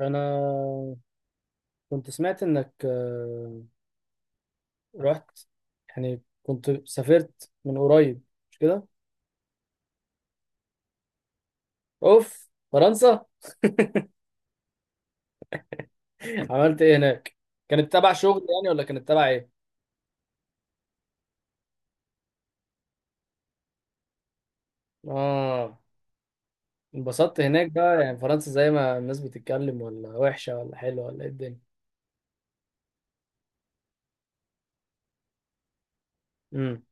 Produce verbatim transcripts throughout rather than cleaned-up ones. انا كنت سمعت انك آه، رحت، يعني كنت سافرت من قريب، مش كده؟ اوف، فرنسا. عملت ايه هناك؟ كانت تبع شغل يعني ولا كانت تبع ايه؟ اه، انبسطت هناك بقى، يعني فرنسا زي ما الناس بتتكلم، ولا وحشة ولا حلوة ولا ايه الدنيا؟ امم.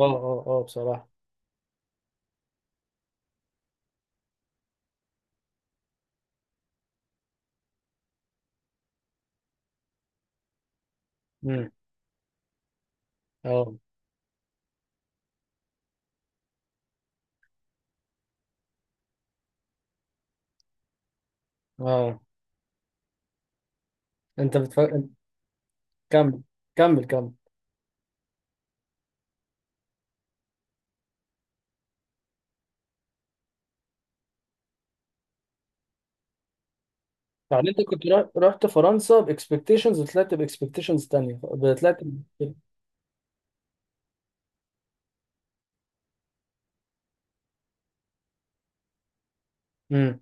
اه اه اه، بصراحة. امم. اه اه، انت بتفكر. كمل كمل كمل. يعني انت كنت را- رحت فرنسا باكسبكتيشنز وطلعت باكسبكتيشنز تانية، طلعت. امم.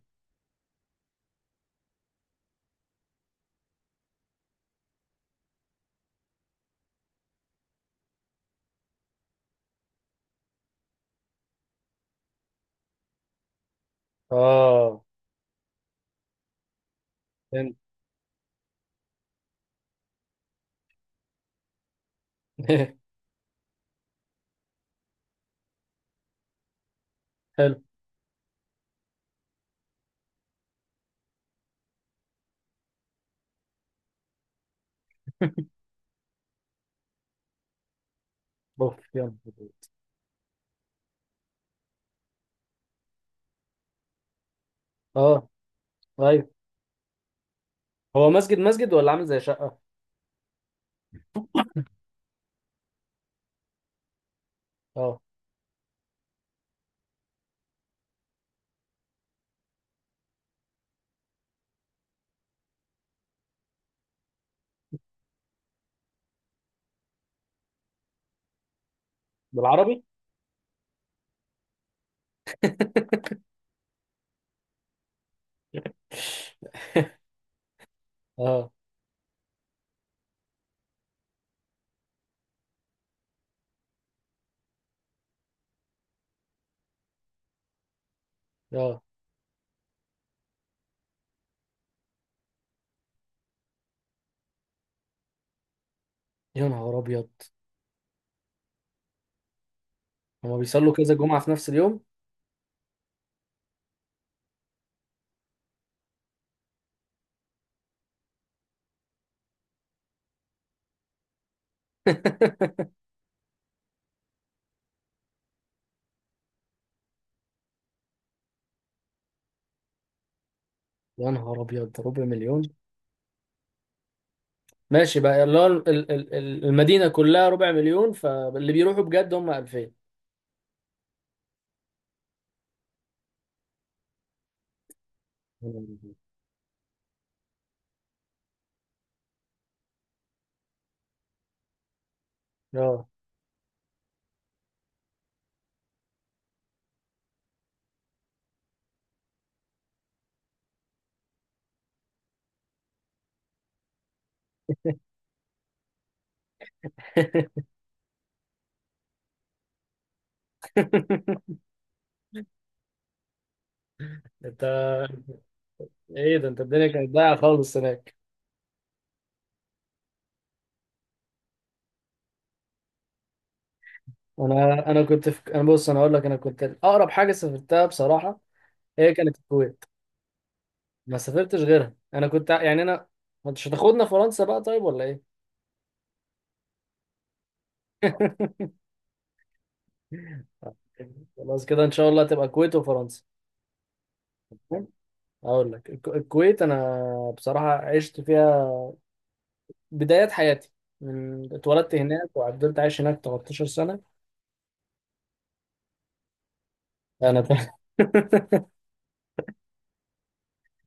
اه، فهمت. حلو. اوف، يلا. اه، ايوه. هو مسجد مسجد ولا عامل زي شقه؟ اه، بالعربي. اه اه. يا نهار ابيض، هما بيصلوا كذا جمعه في نفس اليوم؟ يا نهار ابيض، ربع مليون؟ ماشي بقى، اللي هو ال- ال- ال- ال- المدينه كلها ربع مليون، فاللي بيروحوا بجد هم ألفين. اه. انت، ايه ده، انت الدنيا كانت ضايعه خالص هناك. انا انا كنت في، انا بص، انا اقول لك، انا كنت اقرب حاجه سافرتها بصراحه، هي كانت الكويت. ما سافرتش غيرها، انا كنت ع- يعني انا، ما انتش هتاخدنا فرنسا بقى طيب ولا ايه؟ خلاص كده، ان شاء الله تبقى الكويت وفرنسا. اقول لك الك- الكويت، انا بصراحه عشت فيها بدايات حياتي، من اتولدت هناك وعدلت عايش هناك تلتاشر سنه. انا.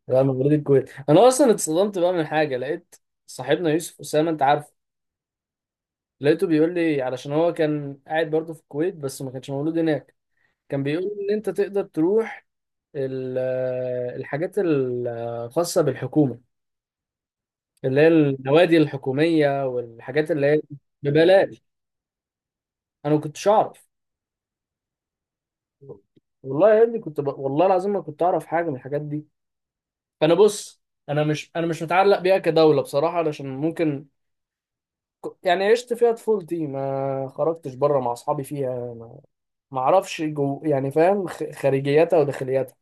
لا، انا مواليد الكويت. انا اصلا اتصدمت بقى من حاجه لقيت، صاحبنا يوسف اسامه، انت عارف، لقيته بيقول لي، علشان هو كان قاعد برضه في الكويت بس ما كانش مولود هناك، كان بيقول لي ان انت تقدر تروح ال- الحاجات الخاصة بالحكومة، اللي هي النوادي الحكومية والحاجات اللي هي ببلاش. انا ما كنتش اعرف. والله يا ابني كنت ب... والله العظيم ما كنت اعرف حاجه من الحاجات دي. فانا بص، انا مش انا مش متعلق بيها كدوله بصراحه، علشان ممكن ك- يعني عشت فيها طفولتي، ما خرجتش بره مع اصحابي فيها، ما ما اعرفش جو... يعني فاهم، خ... خارجياتها وداخلياتها.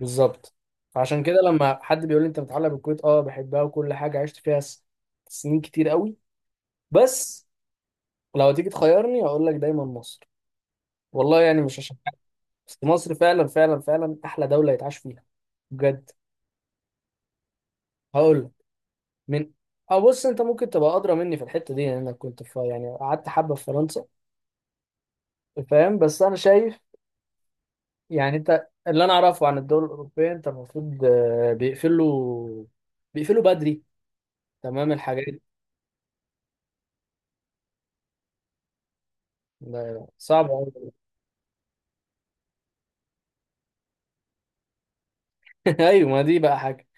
بالظبط. فعشان كده، لما حد بيقول لي انت متعلق بالكويت، اه، بحبها وكل حاجه، عشت فيها س- سنين كتير قوي، بس لو تيجي تخيرني هقول لك دايما مصر. والله يعني مش عشان حاجة، بس مصر فعلا فعلا فعلا احلى دوله يتعاش فيها بجد. هقول لك، من، اه بص، انت ممكن تبقى ادرى مني في الحته دي، لانك كنت في، يعني قعدت حبه في فرنسا. فاهم، بس انا شايف، يعني انت، اللي انا اعرفه عن الدول الاوروبيه، انت المفروض آه، بيقفلوا بيقفلوا بدري، تمام الحاجات. ده صعب. ايوه، ما دي بقى حاجه.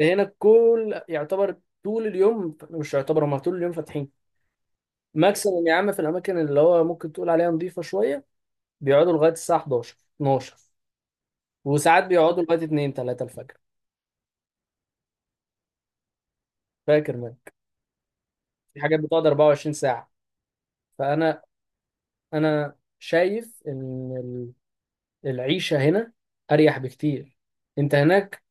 هنا كل، يعتبر طول اليوم، مش يعتبر، هم طول اليوم فاتحين. ماكسيموم يا عم في الاماكن اللي هو ممكن تقول عليها نظيفه شويه، بيقعدوا لغايه الساعه حداشر اتناشر، وساعات بيقعدوا لغايه اتنين ثلاثة الفجر. فاكر منك. في حاجات بتقعد اربعة وعشرين ساعة ساعه. فانا انا شايف ان ال- العيشه هنا اريح بكتير. انت هناك،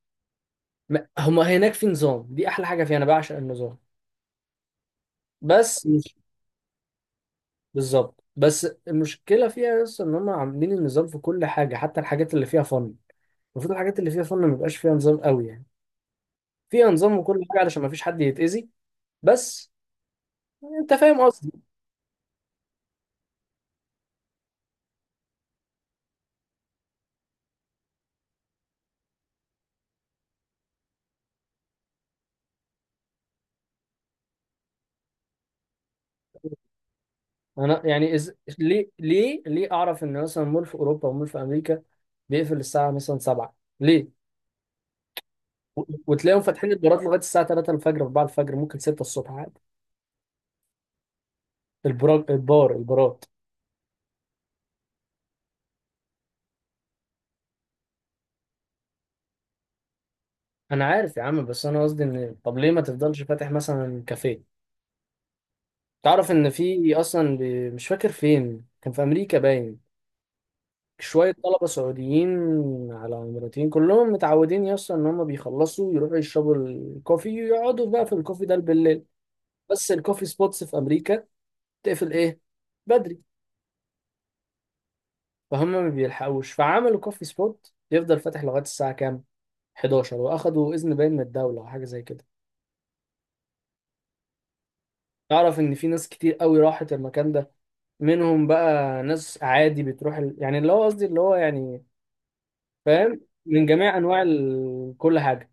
ما- هم هناك في نظام، دي احلى حاجه فيها، انا بعشق النظام، بس مش، بالظبط. بس المشكله فيها بس ان هم عاملين النظام في كل حاجه، حتى الحاجات اللي فيها فن. المفروض الحاجات اللي فيها فن ما يبقاش فيها نظام قوي يعني، فيها نظام وكل حاجه علشان ما فيش حد يتاذي. بس انت فاهم قصدي؟ انا يعني إز... ليه ليه ليه اعرف ان مثلا مول في اوروبا، ومول في امريكا بيقفل الساعه مثلا سبعة ليه؟ و- وتلاقيهم فاتحين البارات لغايه الساعه ثلاثة الفجر، اربعة الفجر، ممكن ستة الصبح عادي. البراج البار البارات. انا عارف يا عم، بس انا قصدي ان طب ليه ما تفضلش فاتح مثلا كافيه؟ تعرف ان في اصلا ب... مش فاكر فين، كان في امريكا باين، شويه طلبه سعوديين على اماراتيين، كلهم متعودين يا اسطى ان هم بيخلصوا يروحوا يشربوا الكوفي ويقعدوا بقى في الكوفي ده بالليل. بس الكوفي سبوتس في امريكا تقفل ايه؟ بدري. فهم ما بيلحقوش، فعملوا كوفي سبوت يفضل فاتح لغايه الساعه كام؟ حداشر. واخدوا اذن باين من الدوله او حاجه زي كده. تعرف ان في ناس كتير قوي راحت المكان ده، منهم بقى ناس عادي بتروح ال... يعني اللي هو قصدي اللي هو يعني، فاهم، من جميع انواع ال... كل حاجه.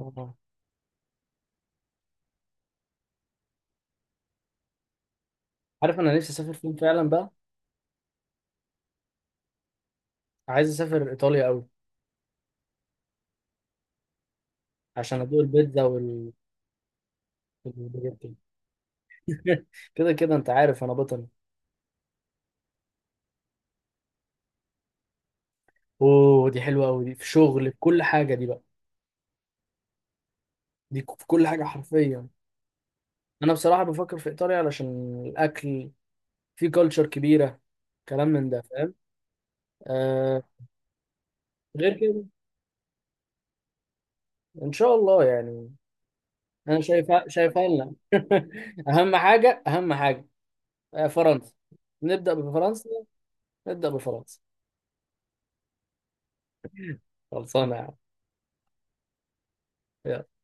آه. عارف انا نفسي اسافر فين فعلا بقى؟ عايز اسافر ايطاليا قوي، عشان ادوق البيتزا وال والباجيت. كده كده انت عارف، انا بطل. اوه، دي حلوه قوي، دي في شغل، في كل حاجه دي بقى، دي في كل حاجه حرفيا. انا بصراحه بفكر في ايطاليا علشان الاكل، في كلتشر كبيره، كلام من ده، فاهم. آه. غير كده، ان شاء الله يعني. انا شايفها شايفها لنا. اهم حاجه اهم حاجه. آه، فرنسا، نبدأ بفرنسا، نبدأ بفرنسا. خلصانة يا عم. يلا.